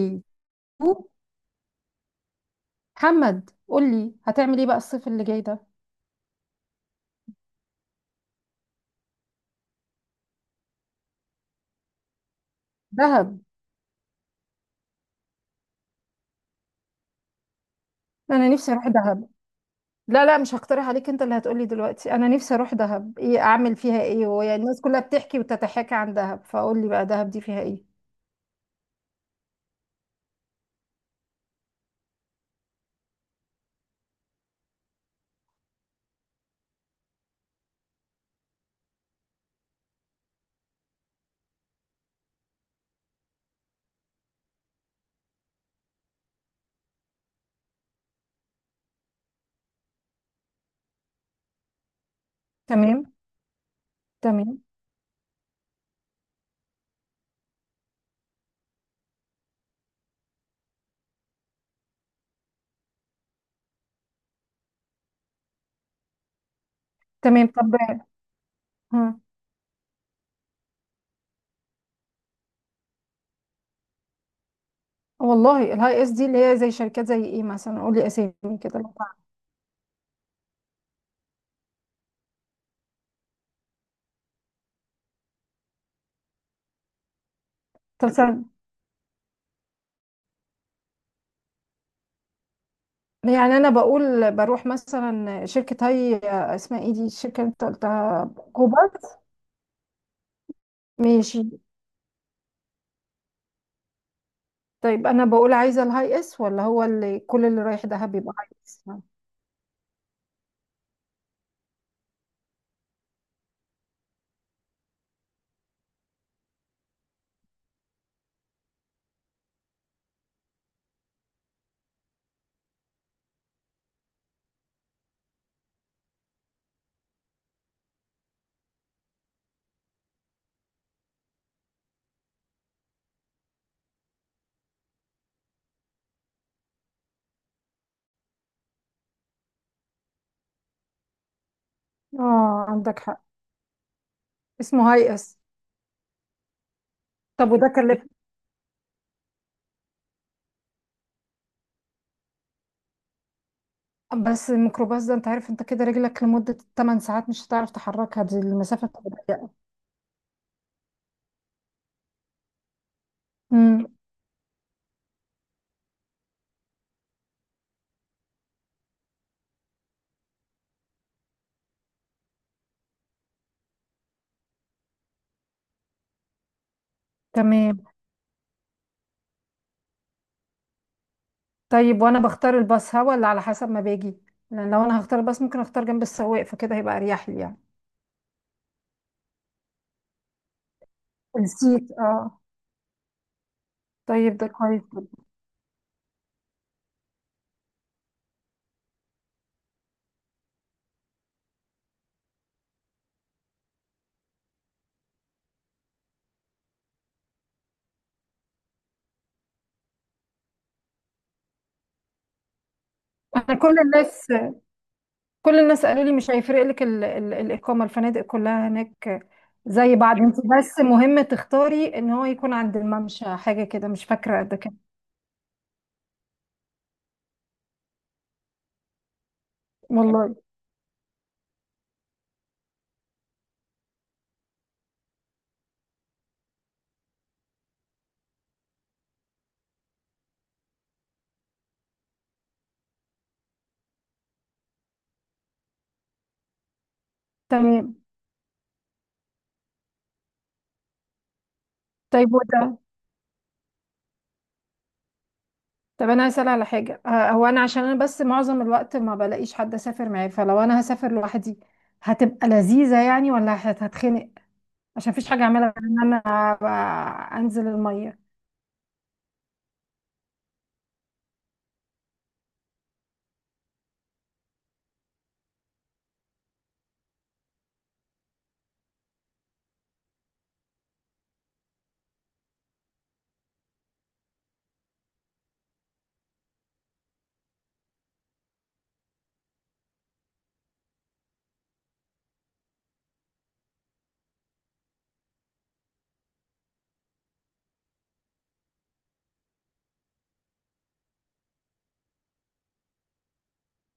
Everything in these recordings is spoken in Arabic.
إيه؟ محمد قول لي هتعمل ايه بقى الصيف اللي جاي ده. دهب، انا نفسي اروح دهب. لا لا، مش هقترح عليك، انت اللي هتقولي دلوقتي. انا نفسي اروح دهب، ايه اعمل فيها، ايه وهي الناس كلها بتحكي وتتحاكى عن دهب؟ فقول لي بقى دهب دي فيها ايه. تمام. تمام. تمام. طب ها. والله الهاي اس دي اللي هي زي شركات زي ايه مثلا؟ قول لي اسامي كده لو تعرف. طب سن- يعني انا بقول بروح مثلا شركه هاي، اسمها ايه دي الشركه اللي انت قلتها؟ كوبا. ماشي. طيب انا بقول عايزه الهاي اس ولا هو اللي كل اللي رايح دهب بيبقى هاي اس؟ اه، عندك حق. اسمه هاي اس. طب وده كلف؟ بس الميكروباص ده انت عارف، انت كده رجلك لمده 8 ساعات مش هتعرف تحركها، دي المسافه بتبقى ضيقه. امم. تمام. طيب وانا بختار الباص ها ولا على حسب ما باجي؟ لان لو انا هختار الباص ممكن اختار جنب السواق فكده هيبقى اريح لي يعني. نسيت، اه. طيب ده كويس جدا. انا كل الناس كل الناس قالوا لي مش هيفرق لك ال الإقامة، الفنادق كلها هناك زي بعض، انت بس مهم تختاري ان هو يكون عند الممشى، حاجة كده مش فاكرة قد كده. والله. تمام. طيب وده طب انا هسأل على حاجة. هو انا عشان انا بس معظم الوقت ما بلاقيش حد اسافر معاه، فلو انا هسافر لوحدي هتبقى لذيذة يعني ولا هتخنق؟ عشان مفيش حاجة اعملها غير ان انا أبقى انزل المية.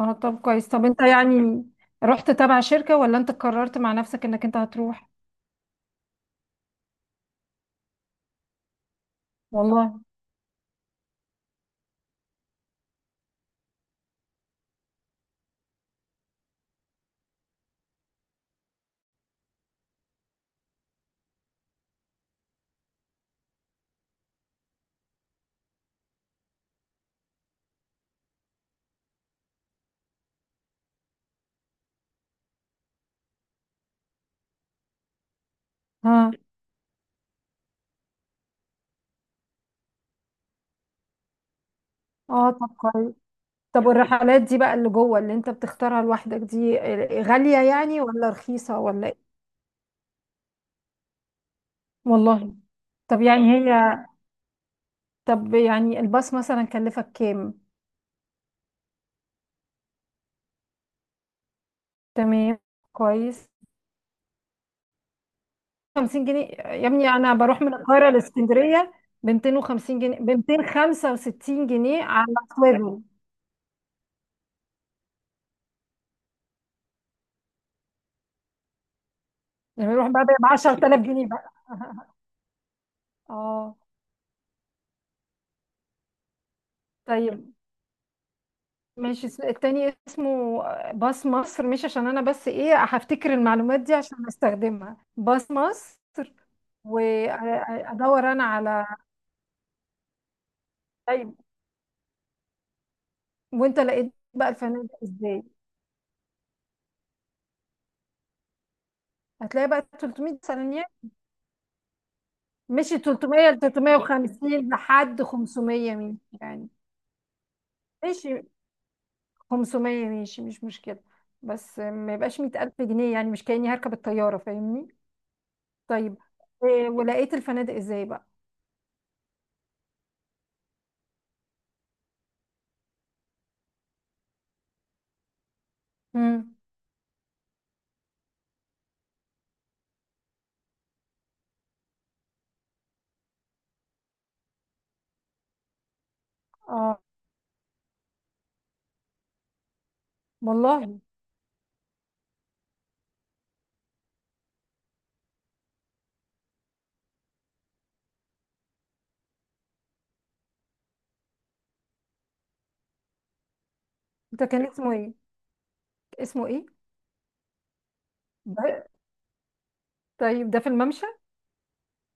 اه طب كويس. طب انت يعني رحت تبع شركة ولا انت قررت مع نفسك انك انت هتروح؟ والله. ها. اه طب كويس. طب والرحلات دي بقى اللي جوه اللي انت بتختارها لوحدك دي، غالية يعني ولا رخيصة ولا ايه؟ والله. طب يعني هي طب يعني الباص مثلا كلفك كام؟ تمام. كويس. 50 جنيه يا ابني؟ انا بروح من القاهرة لاسكندرية ب 250 جنيه، ب 265 جنيه على سويفل. يعني بروح بقى ب 10000 جنيه بقى؟ اه. طيب ماشي. التاني اسمه باص مصر، مش عشان انا بس ايه، هفتكر المعلومات دي عشان استخدمها. باص مصر. وادور انا على طيب وانت لقيت بقى الفنادق ازاي؟ هتلاقي بقى 300 ثانية. مشي 300 ل 350 لحد 500 مين يعني. ماشي. 500 ماشي، مش مشكلة. بس ما يبقاش 100000 جنيه يعني، مش كأني هركب الطيارة فاهمني. طيب. ولقيت الفنادق ازاي بقى؟ امم. اه والله. ده كان اسمه ايه؟ اسمه ايه؟ ده- طيب ده في الممشى؟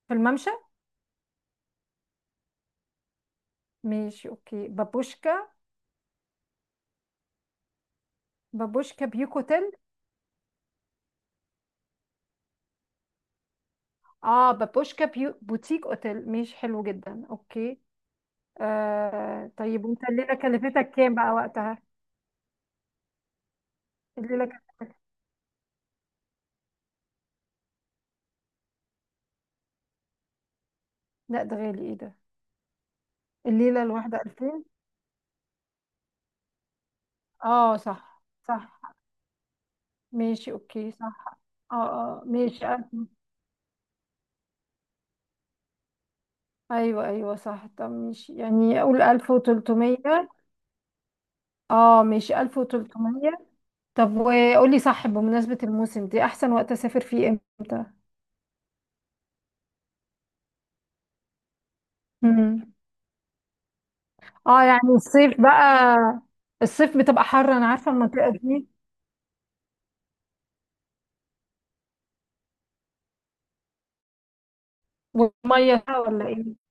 في الممشى. ماشي اوكي. بابوشكا. بابوشكا بيوك اوتيل. اه بابوشكا بيو بوتيك اوتيل. ماشي حلو جدا. اوكي. آه طيب وانت الليله كلفتك كام بقى وقتها؟ الليله كلفتك. لا ده غالي، ايه ده؟ الليله الواحده 2000؟ اه صح. صح. ماشي اوكي. صح. اه اه ماشي 1000. ايوه ايوه صح. طب ماشي يعني، اقول 1300. اه ماشي 1300. طب وقولي صح، بمناسبة الموسم دي أحسن وقت أسافر فيه إمتى؟ مم. اه يعني الصيف بقى؟ الصيف بتبقى حر، أنا عارفة المنطقة دي. والمية ساقعة ولا إيه؟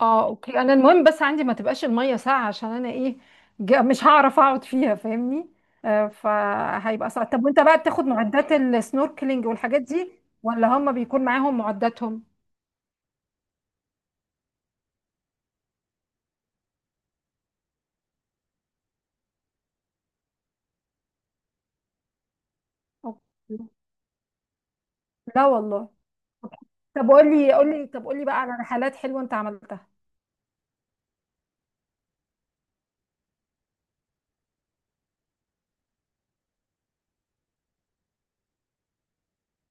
اه أوكي. أنا المهم بس عندي ما تبقاش المية ساقعة، عشان أنا إيه، مش هعرف أقعد فيها فاهمني؟ فهيبقى صعب. طب وأنت بقى بتاخد معدات السنوركلينج والحاجات دي ولا هم بيكون معاهم معداتهم؟ أوكي. لا والله. طب قولي بقى على رحلات حلوة أنت عملتها.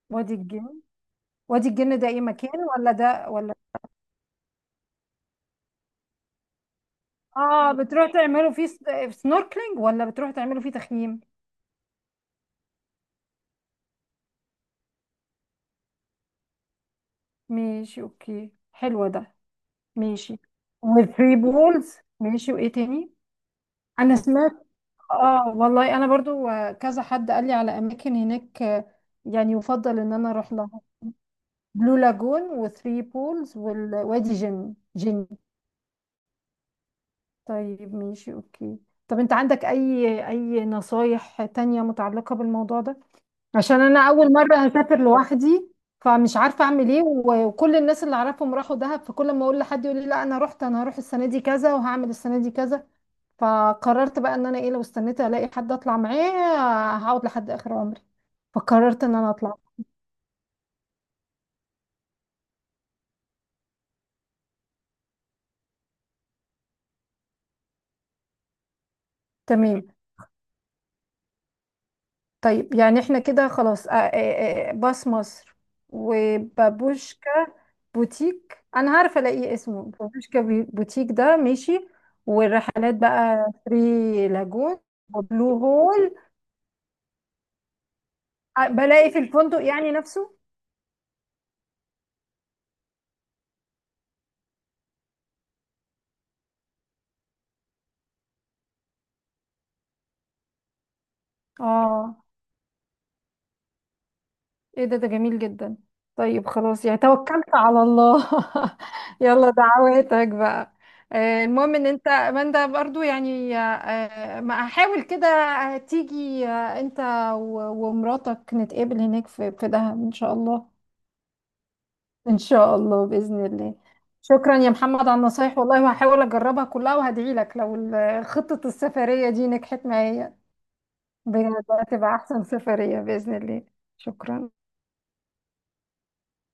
وادي الجن. وادي الجن ده ايه، مكان ولا ده ولا؟ اه بتروح تعملوا فيه سنوركلينج ولا بتروح تعملوا فيه تخييم؟ ماشي اوكي، حلو ده. ماشي. وثري بولز ماشي، وايه تاني؟ انا سمعت. اه والله انا برضو، كذا حد قال لي على اماكن هناك يعني يفضل ان انا اروح لها. بلو لاجون وثري بولز والوادي جن جن. طيب ماشي اوكي. طب انت عندك اي نصايح تانية متعلقة بالموضوع ده؟ عشان انا اول مره هسافر لوحدي فمش عارفه اعمل ايه، وكل الناس اللي اعرفهم راحوا دهب، فكل ما اقول لحد يقول لي لا انا رحت انا هروح السنه دي كذا وهعمل السنه دي كذا، فقررت بقى ان انا ايه، لو استنيت الاقي حد اطلع معاه هقعد لحد اخر عمري، فقررت ان انا اطلع. تمام. طيب يعني احنا كده خلاص باص مصر وبابوشكا بوتيك، انا عارفه الاقي اسمه بابوشكا بوتيك ده. ماشي. والرحلات بقى ثري لاجون وبلو هول. بلاقي في الفندق يعني نفسه؟ اه. ايه ده جميل جدا. طيب خلاص يعني، توكلت على الله. يلا دعواتك بقى. المهم ان انت ماندا برضو يعني، ما احاول كده تيجي انت ومراتك نتقابل هناك في دهب ان شاء الله. ان شاء الله باذن الله. شكرا يا محمد على النصايح والله، وهحاول اجربها كلها، وهدعي لك لو خطة السفرية دي نجحت معايا. بجد هتبقى احسن سفرية باذن الله. شكرا.